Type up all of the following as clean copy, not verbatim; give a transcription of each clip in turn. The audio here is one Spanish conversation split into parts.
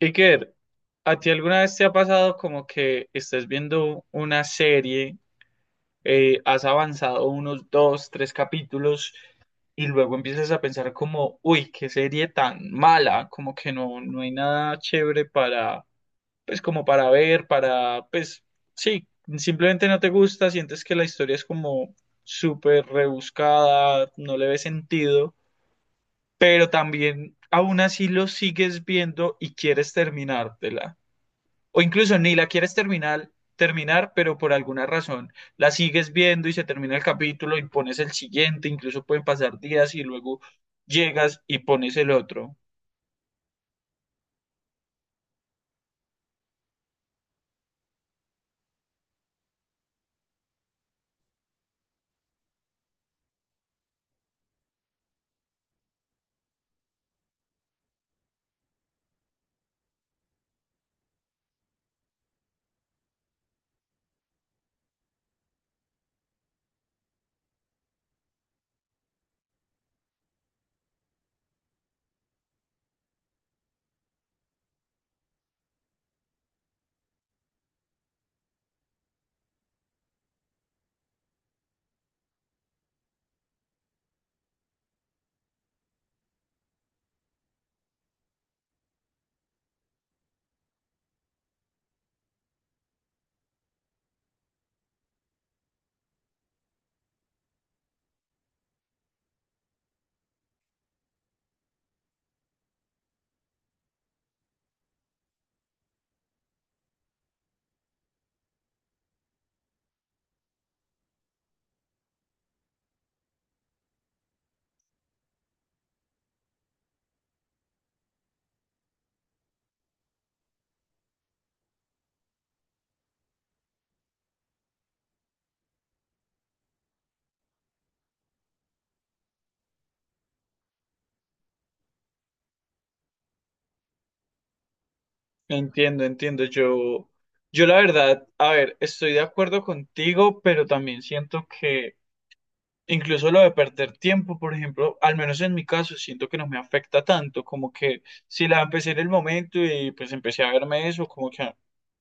Iker, ¿a ti alguna vez te ha pasado como que estés viendo una serie, has avanzado unos dos, tres capítulos y luego empiezas a pensar como, uy, qué serie tan mala, como que no, no hay nada chévere para, pues como para ver, para, pues sí, simplemente no te gusta, sientes que la historia es como súper rebuscada, no le ves sentido, pero también aún así lo sigues viendo y quieres terminártela. O incluso ni la quieres terminar, pero por alguna razón la sigues viendo y se termina el capítulo y pones el siguiente, incluso pueden pasar días y luego llegas y pones el otro. Entiendo, entiendo. Yo la verdad, a ver, estoy de acuerdo contigo, pero también siento que incluso lo de perder tiempo, por ejemplo, al menos en mi caso, siento que no me afecta tanto, como que si la empecé en el momento y pues empecé a verme eso, como que ah,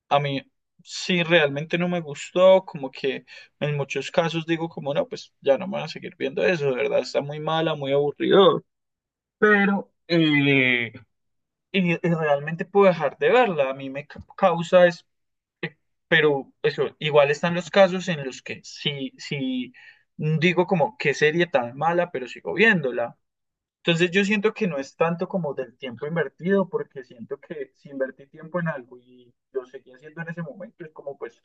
a mí sí realmente no me gustó, como que en muchos casos digo como no, pues ya no me voy a seguir viendo eso, de verdad está muy mala, muy aburrido, pero y realmente puedo dejar de verla, a mí me causa es, eh, pero eso, igual están los casos en los que sí, sí digo como qué serie tan mala, pero sigo viéndola. Entonces yo siento que no es tanto como del tiempo invertido, porque siento que si invertí tiempo en algo y lo seguí haciendo en ese momento, es como pues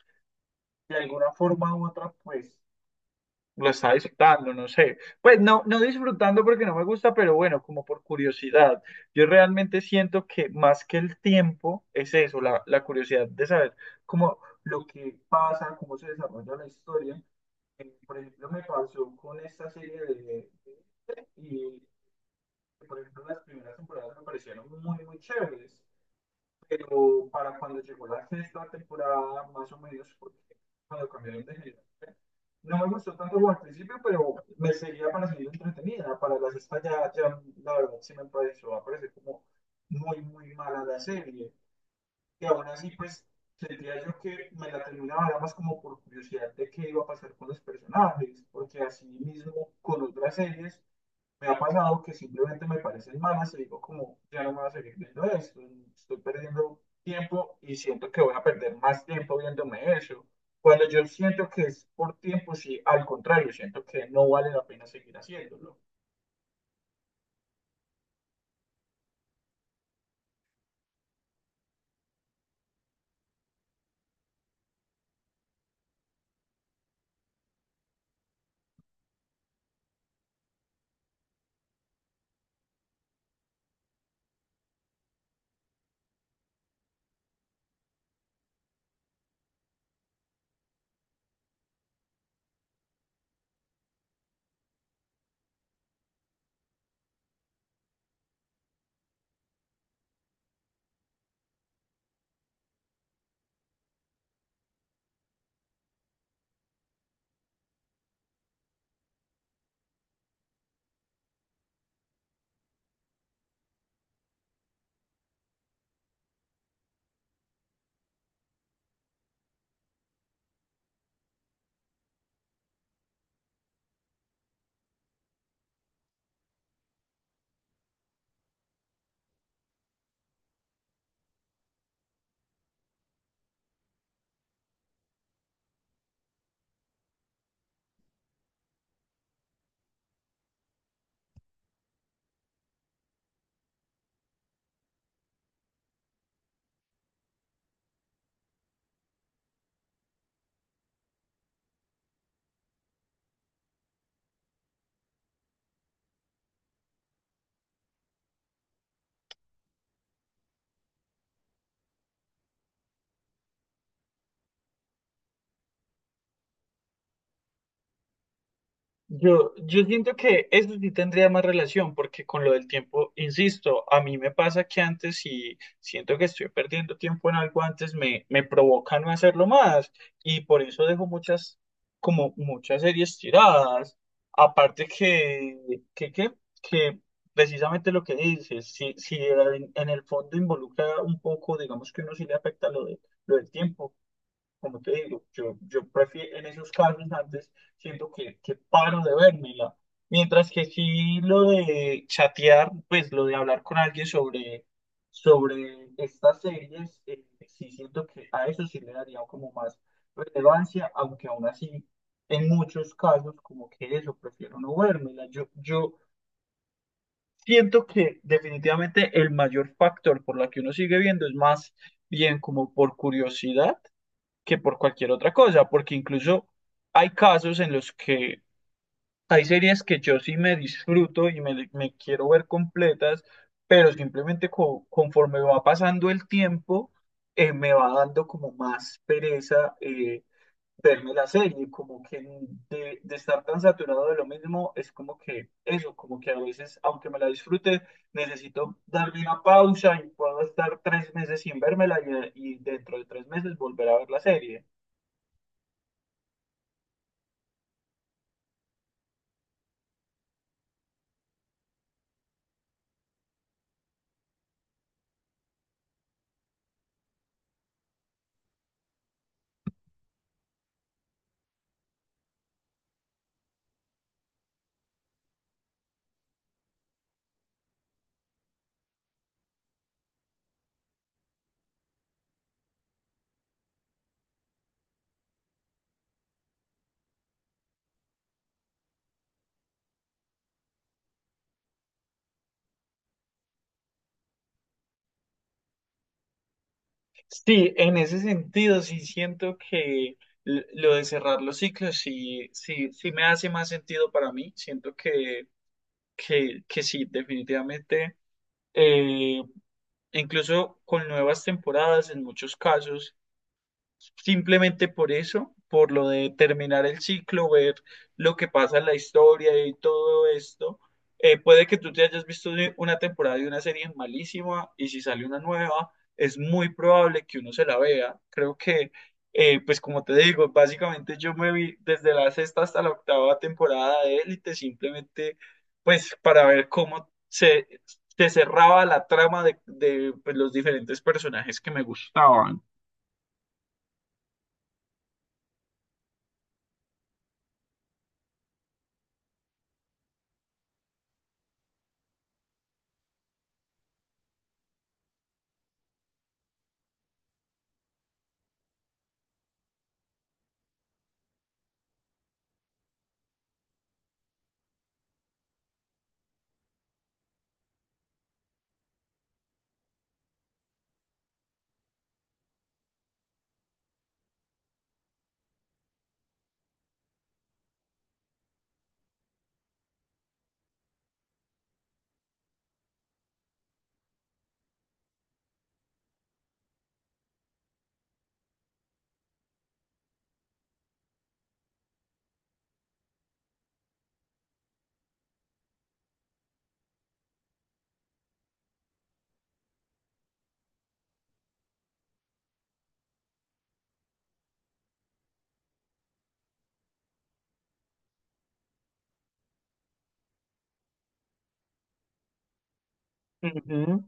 de alguna forma u otra, pues lo estaba disfrutando, no sé. Pues no, no disfrutando porque no me gusta, pero bueno, como por curiosidad. Yo realmente siento que más que el tiempo es eso, la curiosidad de saber cómo lo que pasa, cómo se desarrolla la historia. Por ejemplo, me pasó con esta serie de. Y, por ejemplo, las primeras temporadas me parecieron muy, muy chéveres, pero para cuando llegó la sexta temporada, más o menos, porque cuando cambiaron de género, no me gustó tanto como al principio, pero me seguía pareciendo entretenida. Para la sexta ya, ya la verdad sí me pareció, me parece como muy, muy mala la serie. Y aún así, pues, sentía yo que me la terminaba era más como por curiosidad de qué iba a pasar con los personajes, porque así mismo con otras series me ha pasado que simplemente me parecen malas y digo como, ya no me voy a seguir viendo esto, estoy perdiendo tiempo y siento que voy a perder más tiempo viéndome eso. Cuando yo siento que es por tiempo, sí, al contrario, siento que no vale la pena seguir haciéndolo. Yo siento que eso sí tendría más relación, porque con lo del tiempo, insisto, a mí me pasa que antes si siento que estoy perdiendo tiempo en algo antes, me provoca no hacerlo más, y por eso dejo muchas, como muchas series tiradas. Aparte que, que, que precisamente lo que dices, si en, el fondo involucra un poco, digamos que uno sí le afecta lo del tiempo como te digo, yo prefiero en esos casos antes siento que paro de vérmela. Mientras que sí lo de chatear, pues lo de hablar con alguien sobre estas series, sí siento que a eso sí le daría como más relevancia, aunque aún así en muchos casos como que eso, prefiero no vérmela. Yo siento que definitivamente el mayor factor por la que uno sigue viendo es más bien como por curiosidad que por cualquier otra cosa, porque incluso hay casos en los que hay series que yo sí me disfruto y me quiero ver completas, pero simplemente conforme va pasando el tiempo, me va dando como más pereza verme la serie, como que de estar tan saturado de lo mismo, es como que eso, como que a veces, aunque me la disfrute, necesito darle una pausa y puedo estar 3 meses sin vérmela y dentro de 3 meses volver a ver la serie. Sí, en ese sentido, sí siento que lo de cerrar los ciclos sí, sí, sí me hace más sentido para mí. Siento que sí, definitivamente, eh, incluso con nuevas temporadas en muchos casos simplemente por eso, por lo de terminar el ciclo, ver lo que pasa en la historia y todo esto. Puede que tú te hayas visto una temporada de una serie malísima y si sale una nueva, es muy probable que uno se la vea. Creo que, pues como te digo, básicamente yo me vi desde la sexta hasta la octava temporada de Élite, simplemente pues para ver cómo se cerraba la trama de, pues, los diferentes personajes que me gustaban. Ujú.